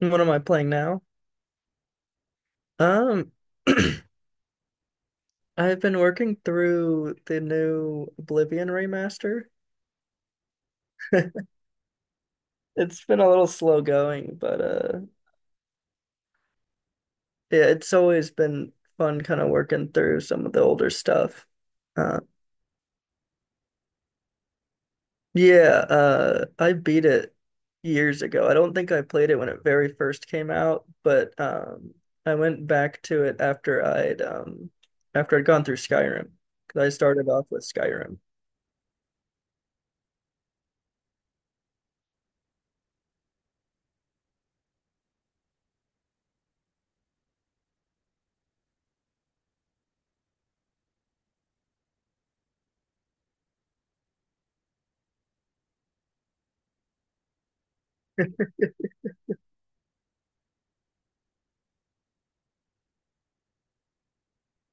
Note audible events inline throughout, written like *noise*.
What am I playing now? Um, *clears throat* I've been working through the new Oblivion remaster. *laughs* It's been a little slow going, but yeah, it's always been fun kind of working through some of the older stuff. Uh yeah, I beat it years ago. I don't think I played it when it very first came out, but I went back to it after I'd after I'd gone through Skyrim because I started off with Skyrim.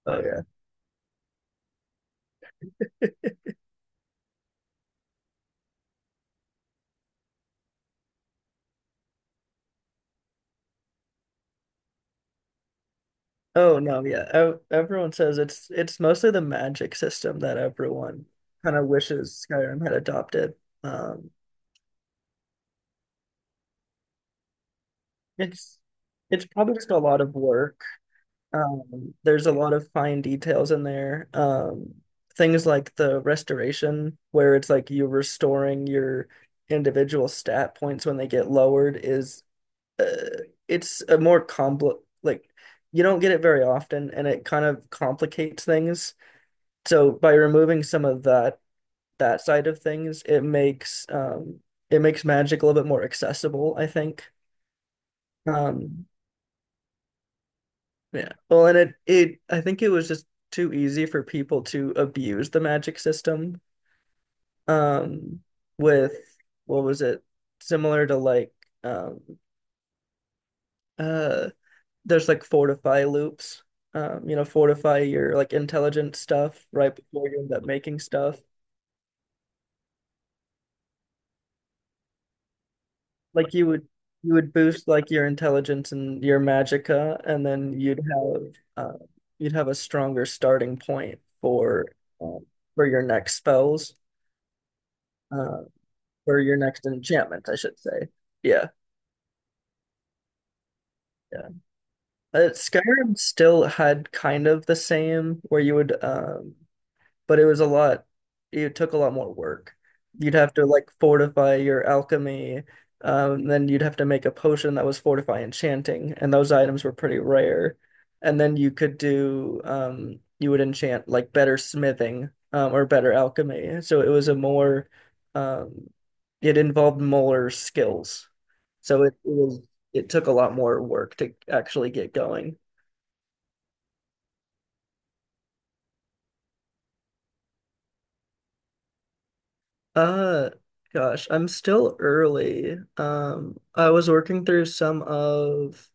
Oh yeah. Oh no, yeah. Everyone says it's mostly the magic system that everyone kind of wishes Skyrim had adopted. Um, it's it's probably just a lot of work. There's a lot of fine details in there. Things like the restoration, where it's like you restoring your individual stat points when they get lowered, is uh, it's a more complex like you don't get it very often, and it kind of complicates things. So by removing some of that side of things, it makes it makes magic a little bit more accessible, I think. Um yeah. Well, and it I think it was just too easy for people to abuse the magic system. Um with what was it? Similar to like um uh there's like fortify loops. You know, fortify your like intelligent stuff right before you end up making stuff. Like you would you would boost like your intelligence and your magicka, and then uh, you'd have a stronger starting point um, for your next spells, uh, for your next enchantment, I should say. Yeah, yeah. Skyrim still had kind of the same where you would but it took a lot more work. You'd have to like fortify your alchemy, then you'd have to make a potion that was fortify enchanting, and those items were pretty rare. And then you could do, you would enchant like better smithing, or better alchemy. So um, it involved more skills. So it took a lot more work to actually get going. Uh, gosh, I'm still early. I was working through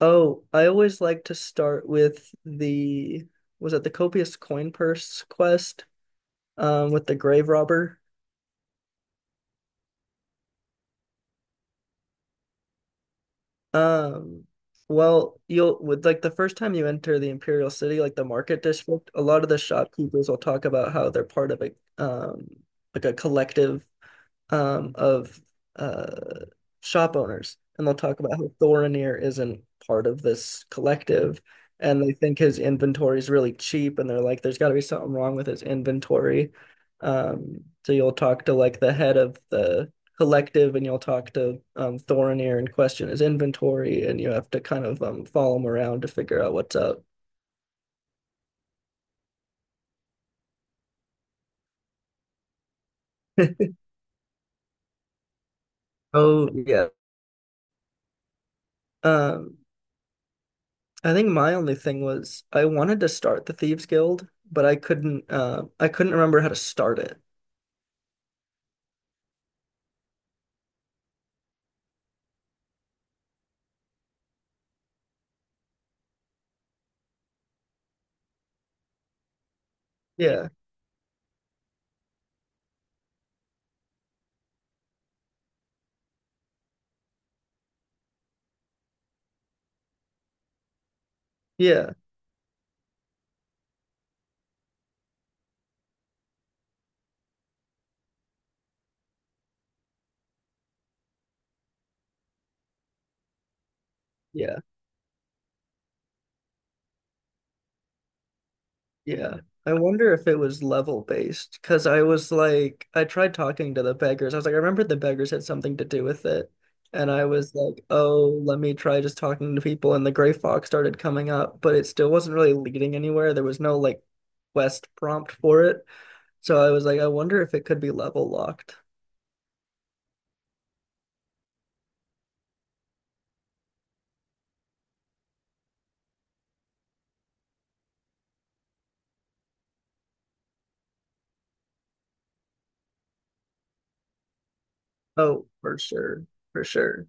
oh, I always like to start with the, was it the Copious Coin Purse quest, with the grave robber? Um, well, you'll, with like the first time you enter the Imperial City, like the market district, a lot of the shopkeepers will talk about how they're part of a, um, like a collective, of, uh, shop owners, and they'll talk about how Thorinir isn't part of this collective, and they think his inventory is really cheap, and they're like, "There's got to be something wrong with his inventory." So you'll talk to like the head of the collective, and you'll talk to Thorinir and question his inventory, and you have to kind of follow him around to figure out what's up. *laughs* Oh, yeah. Um, I think my only thing was I wanted to start the Thieves Guild, but I couldn't. I couldn't remember how to start it. Yeah. Yeah, yeah, yeah. I wonder if it was level based because I was like, I tried talking to the beggars. I was like, I remember the beggars had something to do with it. And I was like, oh, let me try just talking to people. And the gray fox started coming up, but it still wasn't really leading anywhere. There was no like quest prompt for it. So I was like, I wonder if it could be level locked. Oh, for sure. For sure.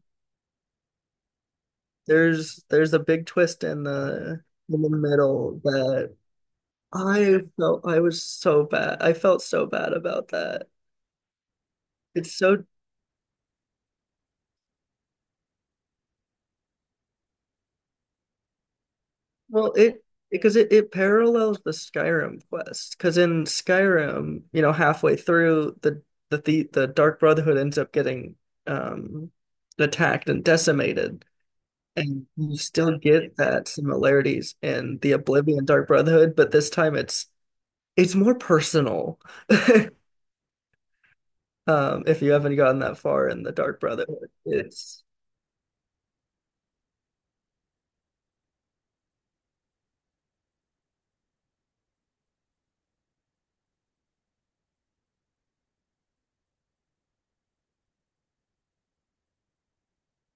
There's a big twist in the middle that I felt I was so bad. I felt so bad about that. It's so well it because it parallels the Skyrim quest. Because in Skyrim, you know, halfway through the Dark Brotherhood ends up getting um attacked and decimated. And you still get that similarities in the Oblivion Dark Brotherhood, but this time it's more personal. If you haven't gotten that far in the Dark Brotherhood, it's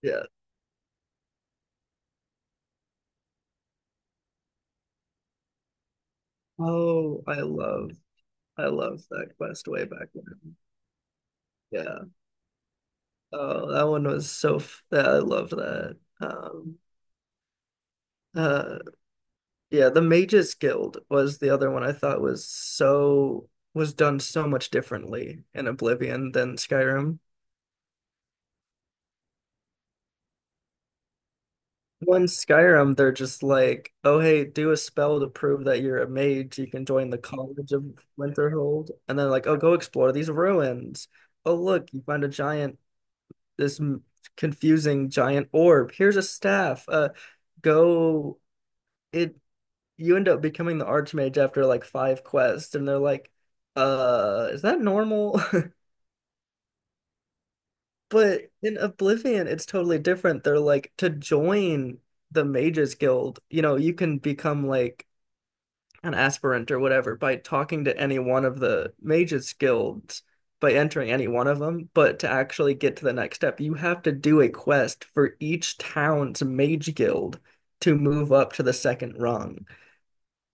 yeah. Oh, I loved that quest way back then. Yeah. Oh, that one was so. Yeah, I loved that. Uh, yeah, the Mages Guild was the other one I thought was done so much differently in Oblivion than Skyrim. When Skyrim, they're just like, oh hey, do a spell to prove that you're a mage. You can join the College of Winterhold, and then like, oh, go explore these ruins. Oh look, you find a giant this m- confusing giant orb. Here's a staff. Go. It you end up becoming the archmage after like five quests, and they're like, is that normal? *laughs* But in Oblivion, it's totally different. They're like to join the Mages Guild, you know, you can become like an aspirant or whatever by talking to any one of the mages guilds by entering any one of them, but to actually get to the next step you have to do a quest for each town's mage guild to move up to the second rung.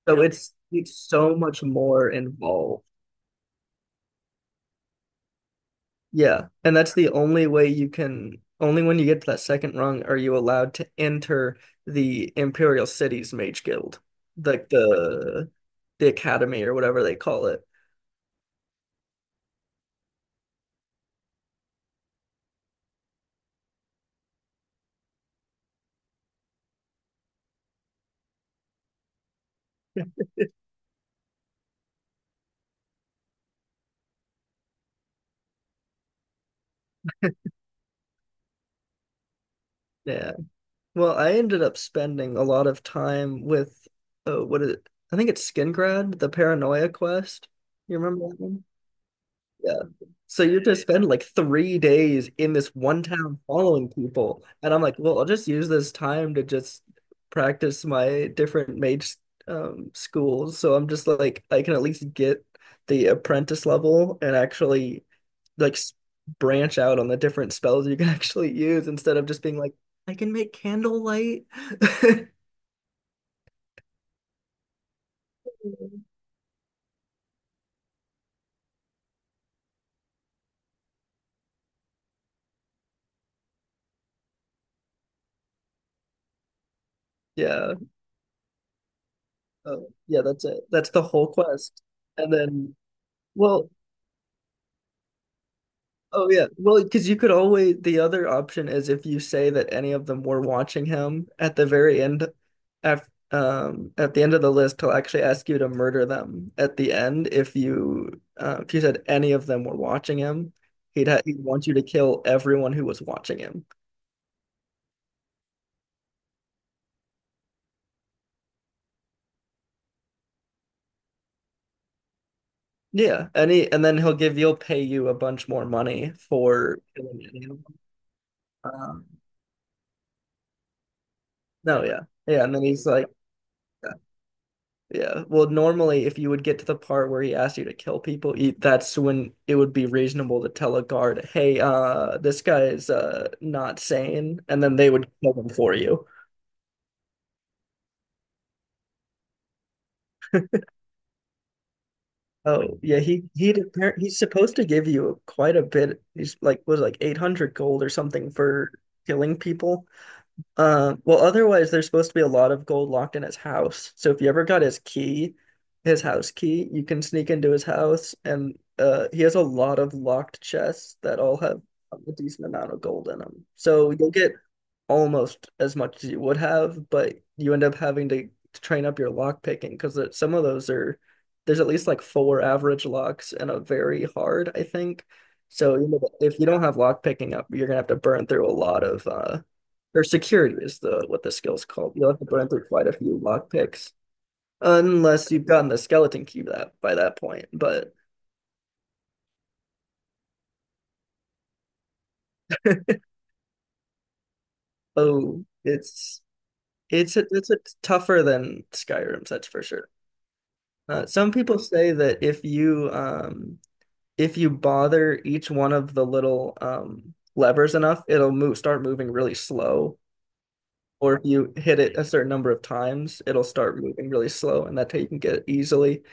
So really? It's so much more involved. Yeah, and that's the only way. You can only when you get to that second rung are you allowed to enter the imperial city's mage guild, like the academy or whatever they call it. Yeah. Well, I ended up spending a lot of time with what is it? I think it's Skingrad, the Paranoia Quest. You remember that one? Yeah. So you just spend like 3 days in this one town following people. And I'm like, well, I'll just use this time to just practice my different mage schools. So I'm just like, I can at least get the apprentice level and actually like s- branch out on the different spells you can *laughs* actually use instead of just being like, I can make candlelight. *laughs* Yeah. Oh, yeah, that's it. That's the whole quest. And then, well, oh yeah. Well, because you could always, the other option is if you say that any of them were watching him at the very end, af at the end of the list, he'll actually ask you to murder them at the end. If you said any of them were watching him, he'd ha he'd want you to kill everyone who was watching him. Yeah, and he, and then he'll give you'll pay you a bunch more money for killing an animal. Um, no, yeah, yeah, and then he's like, yeah. Well, normally, if you would get to the part where he asks you to kill people, you, that's when it would be reasonable to tell a guard, "Hey, this guy is not sane," and then they would kill him for you. Oh, yeah, he he's supposed to give you quite a bit. He's like was like 800 gold or something for killing people. Well, otherwise, there's supposed to be a lot of gold locked in his house. So if you ever got his key, his house key, you can sneak into his house, and he has a lot of locked chests that all have a decent amount of gold in them. So you'll get almost as much as you would have, but you end up having to train up your lock picking because some of those are there's at least like four average locks and a very hard, I think. So you know, if you don't have lock picking up, you're gonna have to burn through a lot of or security is the what the skill's called. You'll have to burn through quite a few lockpicks, unless you've gotten the skeleton key that by that point. But oh it's it's a tougher than Skyrim's, that's for sure. Some people say that if you bother each one of the little levers enough, it'll move start moving really slow. Or if you hit it a certain number of times, it'll start moving really slow, and that's how you can get it easily.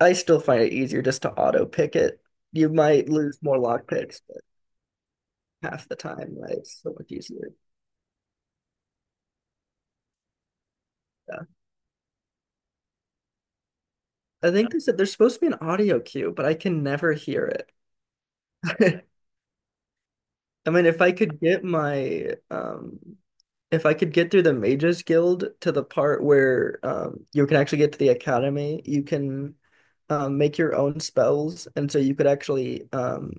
I still find it easier just to auto pick it. You might lose more lock picks, but half the time, right? It's so much easier. Yeah. I think they said there's supposed to be an audio cue, but I can never hear it. *laughs* I mean, if I could get my if I could get through the Mages Guild to the part where you can actually get to the academy, you can make your own spells, and so you could actually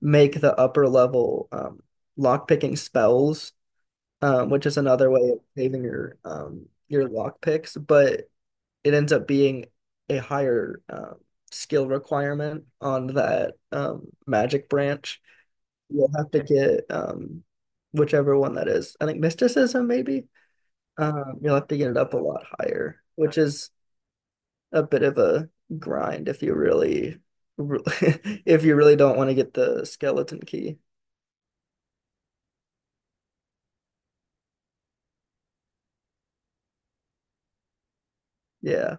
make the upper level lock picking spells which is another way of saving your lock picks, but it ends up being a higher skill requirement on that magic branch. You'll have to get whichever one that is. I think mysticism maybe. You'll have to get it up a lot higher, which is a bit of a grind if you really, *laughs* if you really don't want to get the skeleton key. Yeah.